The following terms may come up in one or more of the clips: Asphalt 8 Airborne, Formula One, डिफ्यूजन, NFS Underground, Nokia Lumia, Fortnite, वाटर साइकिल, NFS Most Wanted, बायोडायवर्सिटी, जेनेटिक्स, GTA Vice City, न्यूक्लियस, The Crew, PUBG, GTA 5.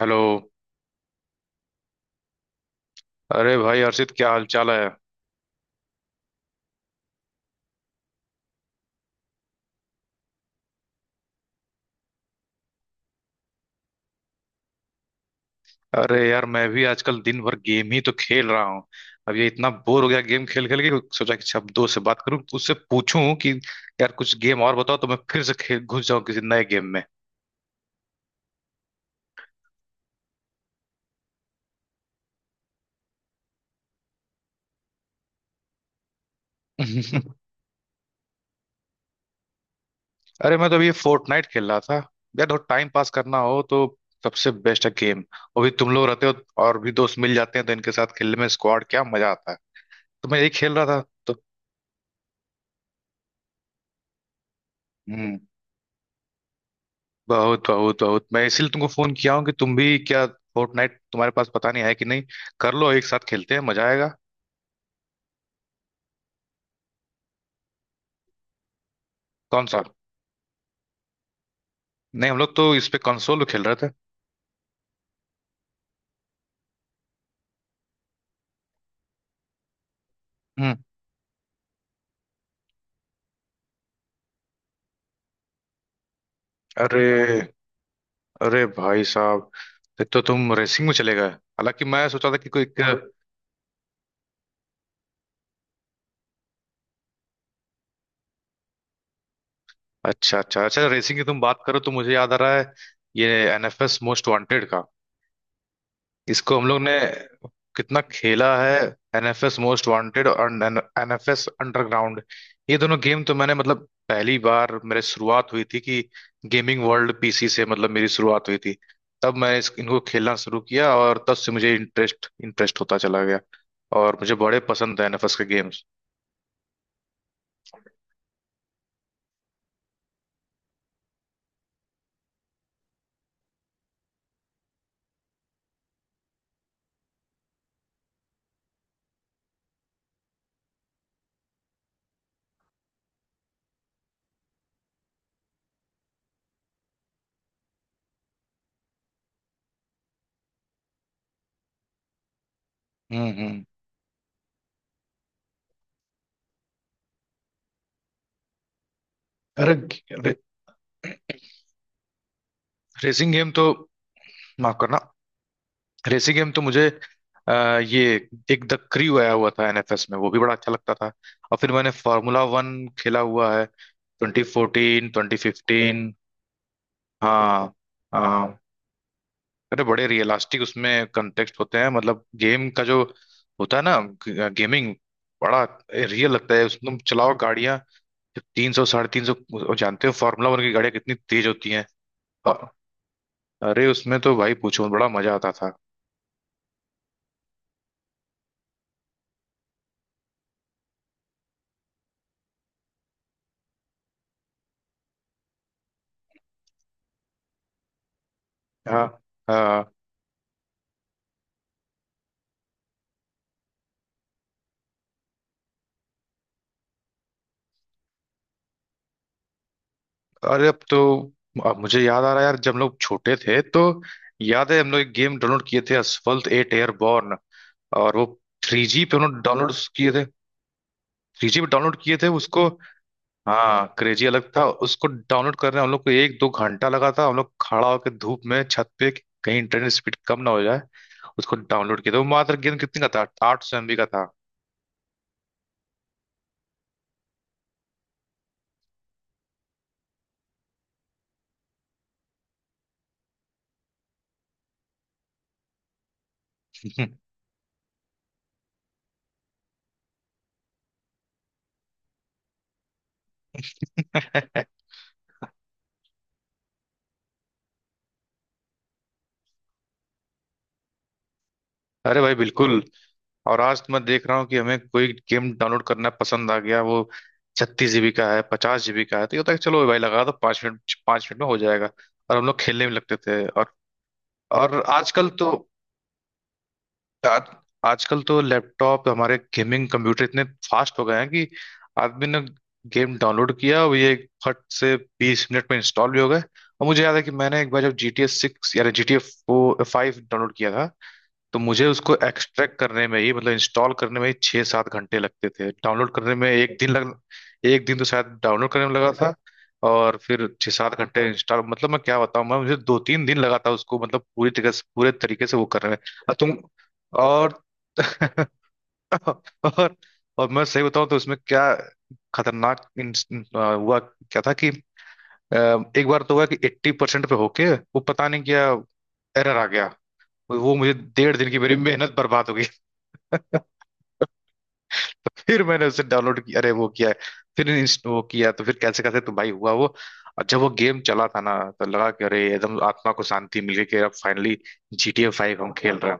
Hello. अरे भाई हर्षित, क्या हाल चाल है? अरे यार, मैं भी आजकल दिन भर गेम ही तो खेल रहा हूँ। अब ये इतना बोर हो गया गेम खेल खेल के। सोचा कि अब दोस्त से बात करूँ तो उससे पूछूं कि यार कुछ गेम और बताओ तो मैं फिर से खेल घुस जाऊं किसी नए गेम में। अरे मैं तो अभी ये फोर्टनाइट खेल रहा था। यार थोड़ा टाइम पास करना हो तो सबसे बेस्ट है गेम। और भी तुम लोग रहते हो, और भी दोस्त मिल जाते हैं तो इनके साथ खेलने में स्क्वाड क्या मजा आता है। तो मैं यही खेल रहा था। तो हम्म। बहुत बहुत बहुत, मैं इसलिए तुमको फोन किया हूँ कि तुम भी क्या फोर्टनाइट तुम्हारे पास पता नहीं है कि नहीं, कर लो एक साथ खेलते हैं मजा आएगा। कौन सा? नहीं, हम लोग तो इस पे कंसोल खेल रहे थे। हम्म। अरे, अरे भाई साहब, ये तो तुम रेसिंग में चले गए, हालांकि मैं सोचा था कि अच्छा अच्छा अच्छा, रेसिंग की तुम बात करो तो मुझे याद आ रहा है ये एनएफएस मोस्ट वांटेड का। इसको हम लोग ने कितना खेला है! एनएफएस मोस्ट वांटेड और एनएफएस अंडरग्राउंड, ये दोनों गेम तो मैंने, मतलब पहली बार मेरे शुरुआत हुई थी कि गेमिंग वर्ल्ड पीसी से, मतलब मेरी शुरुआत हुई थी। तब मैं इनको खेलना शुरू किया और तब से मुझे इंटरेस्ट इंटरेस्ट होता चला गया, और मुझे बड़े पसंद है एनएफएस के गेम्स। हम्म। अरे, रे, रेसिंग गेम तो, माफ करना, रेसी गेम तो मुझे अ, ये एक द क्रू आया हुआ था एनएफएस में, वो भी बड़ा अच्छा लगता था। और फिर मैंने फार्मूला वन खेला हुआ है, 2014 2015। हाँ हाँ। अरे बड़े रियलिस्टिक उसमें कंटेक्स्ट होते हैं, मतलब गेम का जो होता है ना, गेमिंग, बड़ा रियल लगता है उसमें तुम चलाओ गाड़ियाँ तीन सौ साढ़े तीन सौ। और जानते हो फार्मूला वन की गाड़ियाँ कितनी तेज होती हैं? अ- अरे उसमें तो भाई पूछो बड़ा मजा आता था। हाँ हाँ। अरे, अब तो, अब मुझे याद आ रहा है यार जब हम लोग छोटे थे तो याद है हम लोग एक गेम डाउनलोड किए थे, असफल्ट एट एयरबॉर्न, और वो थ्री जी पे उन्होंने डाउनलोड किए थे, थ्री जी पे डाउनलोड किए थे उसको। हाँ, क्रेजी अलग था, उसको डाउनलोड करने में हम लोग को एक दो घंटा लगा था। हम लोग खड़ा होकर धूप में छत पे कि कहीं इंटरनेट स्पीड कम ना हो जाए, उसको डाउनलोड किया था। वो मात्र गेम कितने का था? 800 MB का था। अरे भाई बिल्कुल, और आज तो मैं देख रहा हूँ कि हमें कोई गेम डाउनलोड करना पसंद आ गया, वो 36 GB का है, 50 GB का है, तो ये होता है कि चलो भाई लगा दो 5 मिनट, 5 मिनट में हो जाएगा। और हम लोग खेलने में लगते थे, और आजकल तो आज, आजकल तो लैपटॉप हमारे गेमिंग कंप्यूटर इतने फास्ट हो गए हैं कि आदमी ने गेम डाउनलोड किया और ये फट से 20 मिनट में इंस्टॉल भी हो गए। और मुझे याद है कि मैंने एक बार जब जी टी ए सिक्स यानी G T A five download किया था, तो मुझे उसको एक्सट्रैक्ट करने में ही, मतलब इंस्टॉल करने में ही छः सात घंटे लगते थे, डाउनलोड करने में एक दिन लग, एक दिन तो शायद डाउनलोड करने में लगा था, और फिर छः सात घंटे इंस्टॉल, मतलब मैं क्या बताऊं, मैं मुझे दो तीन दिन लगा था उसको, मतलब पूरी तरीके से पूरे तरीके से वो करने में। और तुम और और और मैं सही बताऊं तो उसमें क्या खतरनाक हुआ क्या था कि आ, एक बार तो हुआ कि 80% पे होके वो पता नहीं क्या एरर आ गया, वो मुझे डेढ़ दिन की मेरी मेहनत बर्बाद हो। तो फिर मैंने उसे डाउनलोड किया, अरे वो किया है, फिर इंस्ट वो किया तो फिर कैसे कैसे तो भाई हुआ वो। और जब वो गेम चला था ना तो लगा कि अरे एकदम आत्मा को शांति मिल गई कि अब फाइनली GTA 5 हम खेल रहे हैं।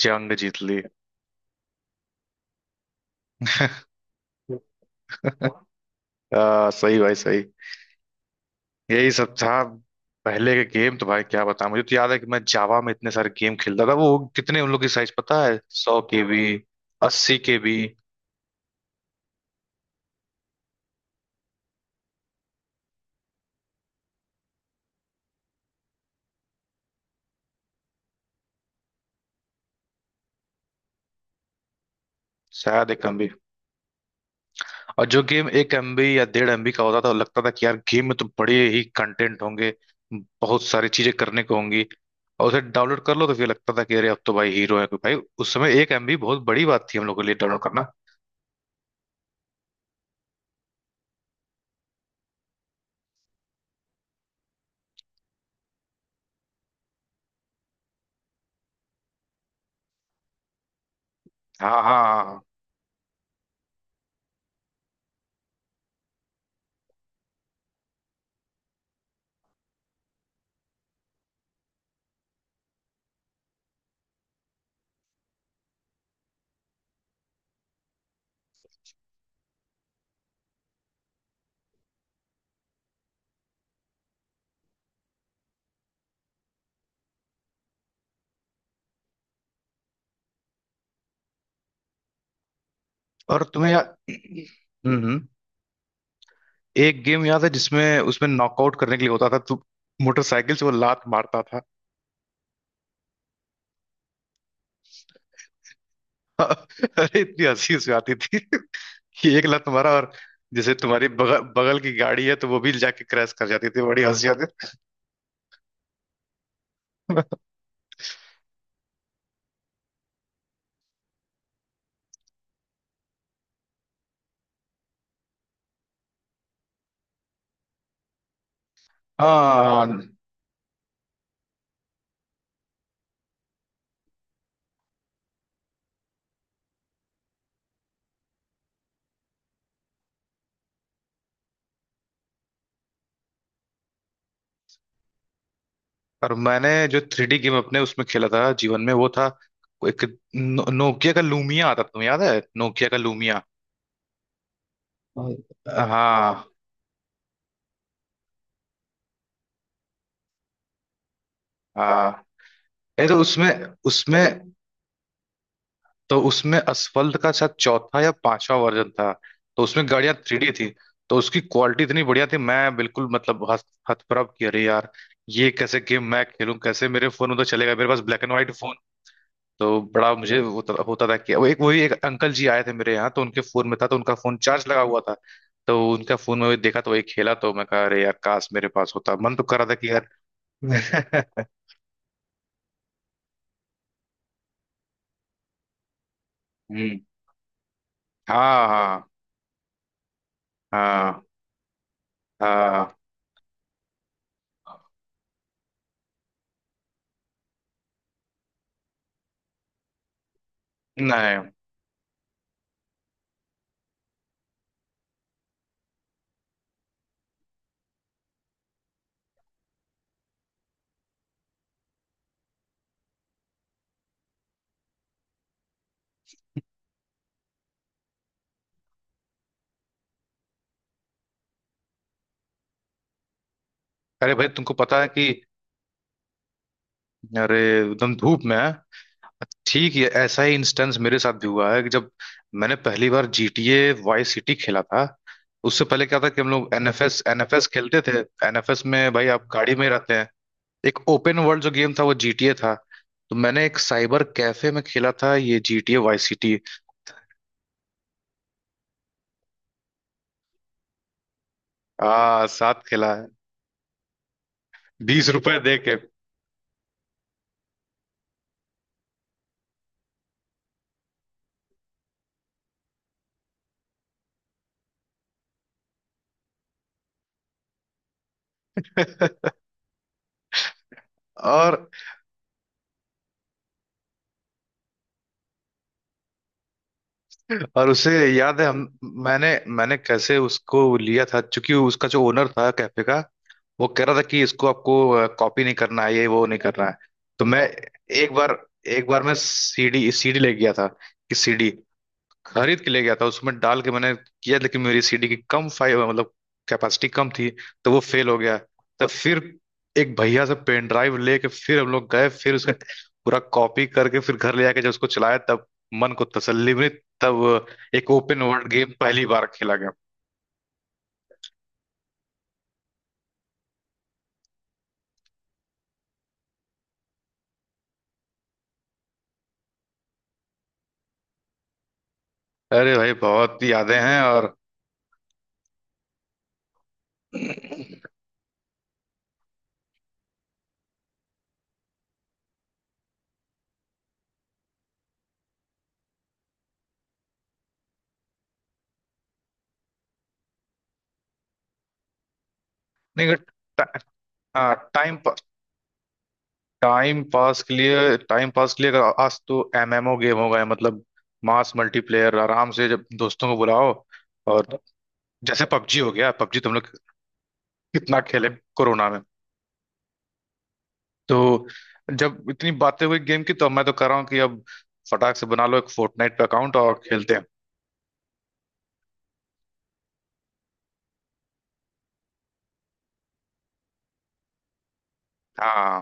जंग जीत ली। सही भाई सही, यही सब था। पहले के गेम तो भाई क्या बताऊं, मुझे तो याद है कि मैं जावा में इतने सारे गेम खेलता था, वो कितने उन लोग की साइज पता है? 100 KB, 80 KB, शायद एक कम भी। और जो गेम एक एमबी या डेढ़ एमबी का होता था वो लगता था कि यार गेम में तो बड़े ही कंटेंट होंगे, बहुत सारी चीजें करने को होंगी। और उसे डाउनलोड कर लो तो फिर लगता था कि अरे अब तो भाई हीरो है कोई, भाई उस समय एक एमबी बहुत बड़ी बात थी हम लोग के लिए डाउनलोड करना। हाँ हाँ हाँ। और तुम्हें याद, हम्म हम्म। एक गेम याद है जिसमें, उसमें नॉकआउट करने के लिए होता था, तू मोटरसाइकिल से वो लात मारता था। अरे इतनी हंसी उसमें आती थी कि एक लात मारा और जैसे तुम्हारी बगल बगल की गाड़ी है तो वो भी जाके क्रैश कर जाती थी, बड़ी हंसी आती थी। हाँ। और मैंने जो थ्री डी गेम अपने उसमें खेला था जीवन में, वो था एक, नोकिया का लूमिया आता था, तुम्हें याद है नोकिया का लूमिया? हाँ हाँ, ये तो उसमें, उसमें, तो उसमें असफल्ट का शायद चौथा या पांचवा वर्जन था। तो उसमें गाड़ियां थ्री डी थी, तो उसकी क्वालिटी इतनी बढ़िया थी, मैं बिल्कुल, मतलब हतप्रभ कि अरे यार ये कैसे गेम, मैं खेलूं कैसे, मेरे फोन में तो चलेगा, मेरे पास ब्लैक एंड व्हाइट। तो बड़ा मुझे होता होता था कि वो, एक वही, एक अंकल जी आए थे मेरे यहाँ तो उनके फोन में था तो उनका फोन चार्ज लगा हुआ था, तो उनका फोन में देखा तो वही खेला, तो मैं कहा अरे यार काश मेरे पास होता, मन तो कर रहा था कि यार। हम्म। हाँ हाँ हाँ। हाँ। नहीं। अरे भाई तुमको पता है कि, अरे एकदम धूप में है। ठीक है, ऐसा ही इंस्टेंस मेरे साथ भी हुआ है कि जब मैंने पहली बार GTA वाइस सिटी खेला था। उससे पहले क्या था कि हम लोग NFS NFS खेलते थे। NFS में भाई आप गाड़ी में ही रहते हैं, एक ओपन वर्ल्ड जो गेम था वो GTA था। तो मैंने एक साइबर कैफे में खेला था ये GTA वाइस सिटी, आ साथ खेला है, ₹20 दे के। और और उसे याद है हम, मैंने मैंने कैसे उसको लिया था क्योंकि उसका जो ओनर था कैफे का, वो कह रहा था कि इसको आपको कॉपी नहीं करना है, ये वो नहीं करना है। तो मैं एक बार, मैं सीडी सीडी ले गया था, कि सीडी खरीद के ले गया था उसमें डाल के मैंने किया, लेकिन मेरी सीडी की कम फाइल मतलब कैपेसिटी कम थी, तो वो फेल हो गया। तो फिर एक भैया से पेन ड्राइव लेके फिर हम लोग गए, फिर उसका पूरा कॉपी करके फिर घर ले आके जब उसको चलाया, तब मन को तसल्ली मिली, तब एक ओपन वर्ल्ड गेम पहली बार खेला गया। अरे भाई बहुत यादें हैं, और नहीं, टाइम टाइम पास के लिए, अगर आज तो एमएमओ गेम हो गए, मतलब मास मल्टीप्लेयर, आराम से जब दोस्तों को बुलाओ, और जैसे पबजी हो गया, पबजी तुम लोग कितना खेले कोरोना में। तो जब इतनी बातें हुई गेम की, तो मैं तो कर रहा हूँ कि अब फटाक से बना लो एक फोर्टनाइट पे अकाउंट और खेलते हैं। हाँ,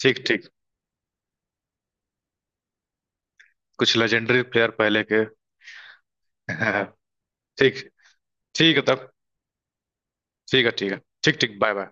ठीक ठीक। कुछ लेजेंडरी प्लेयर पहले के। ठीक, ठीक है तब, ठीक है, ठीक है, ठीक ठीक, बाय बाय।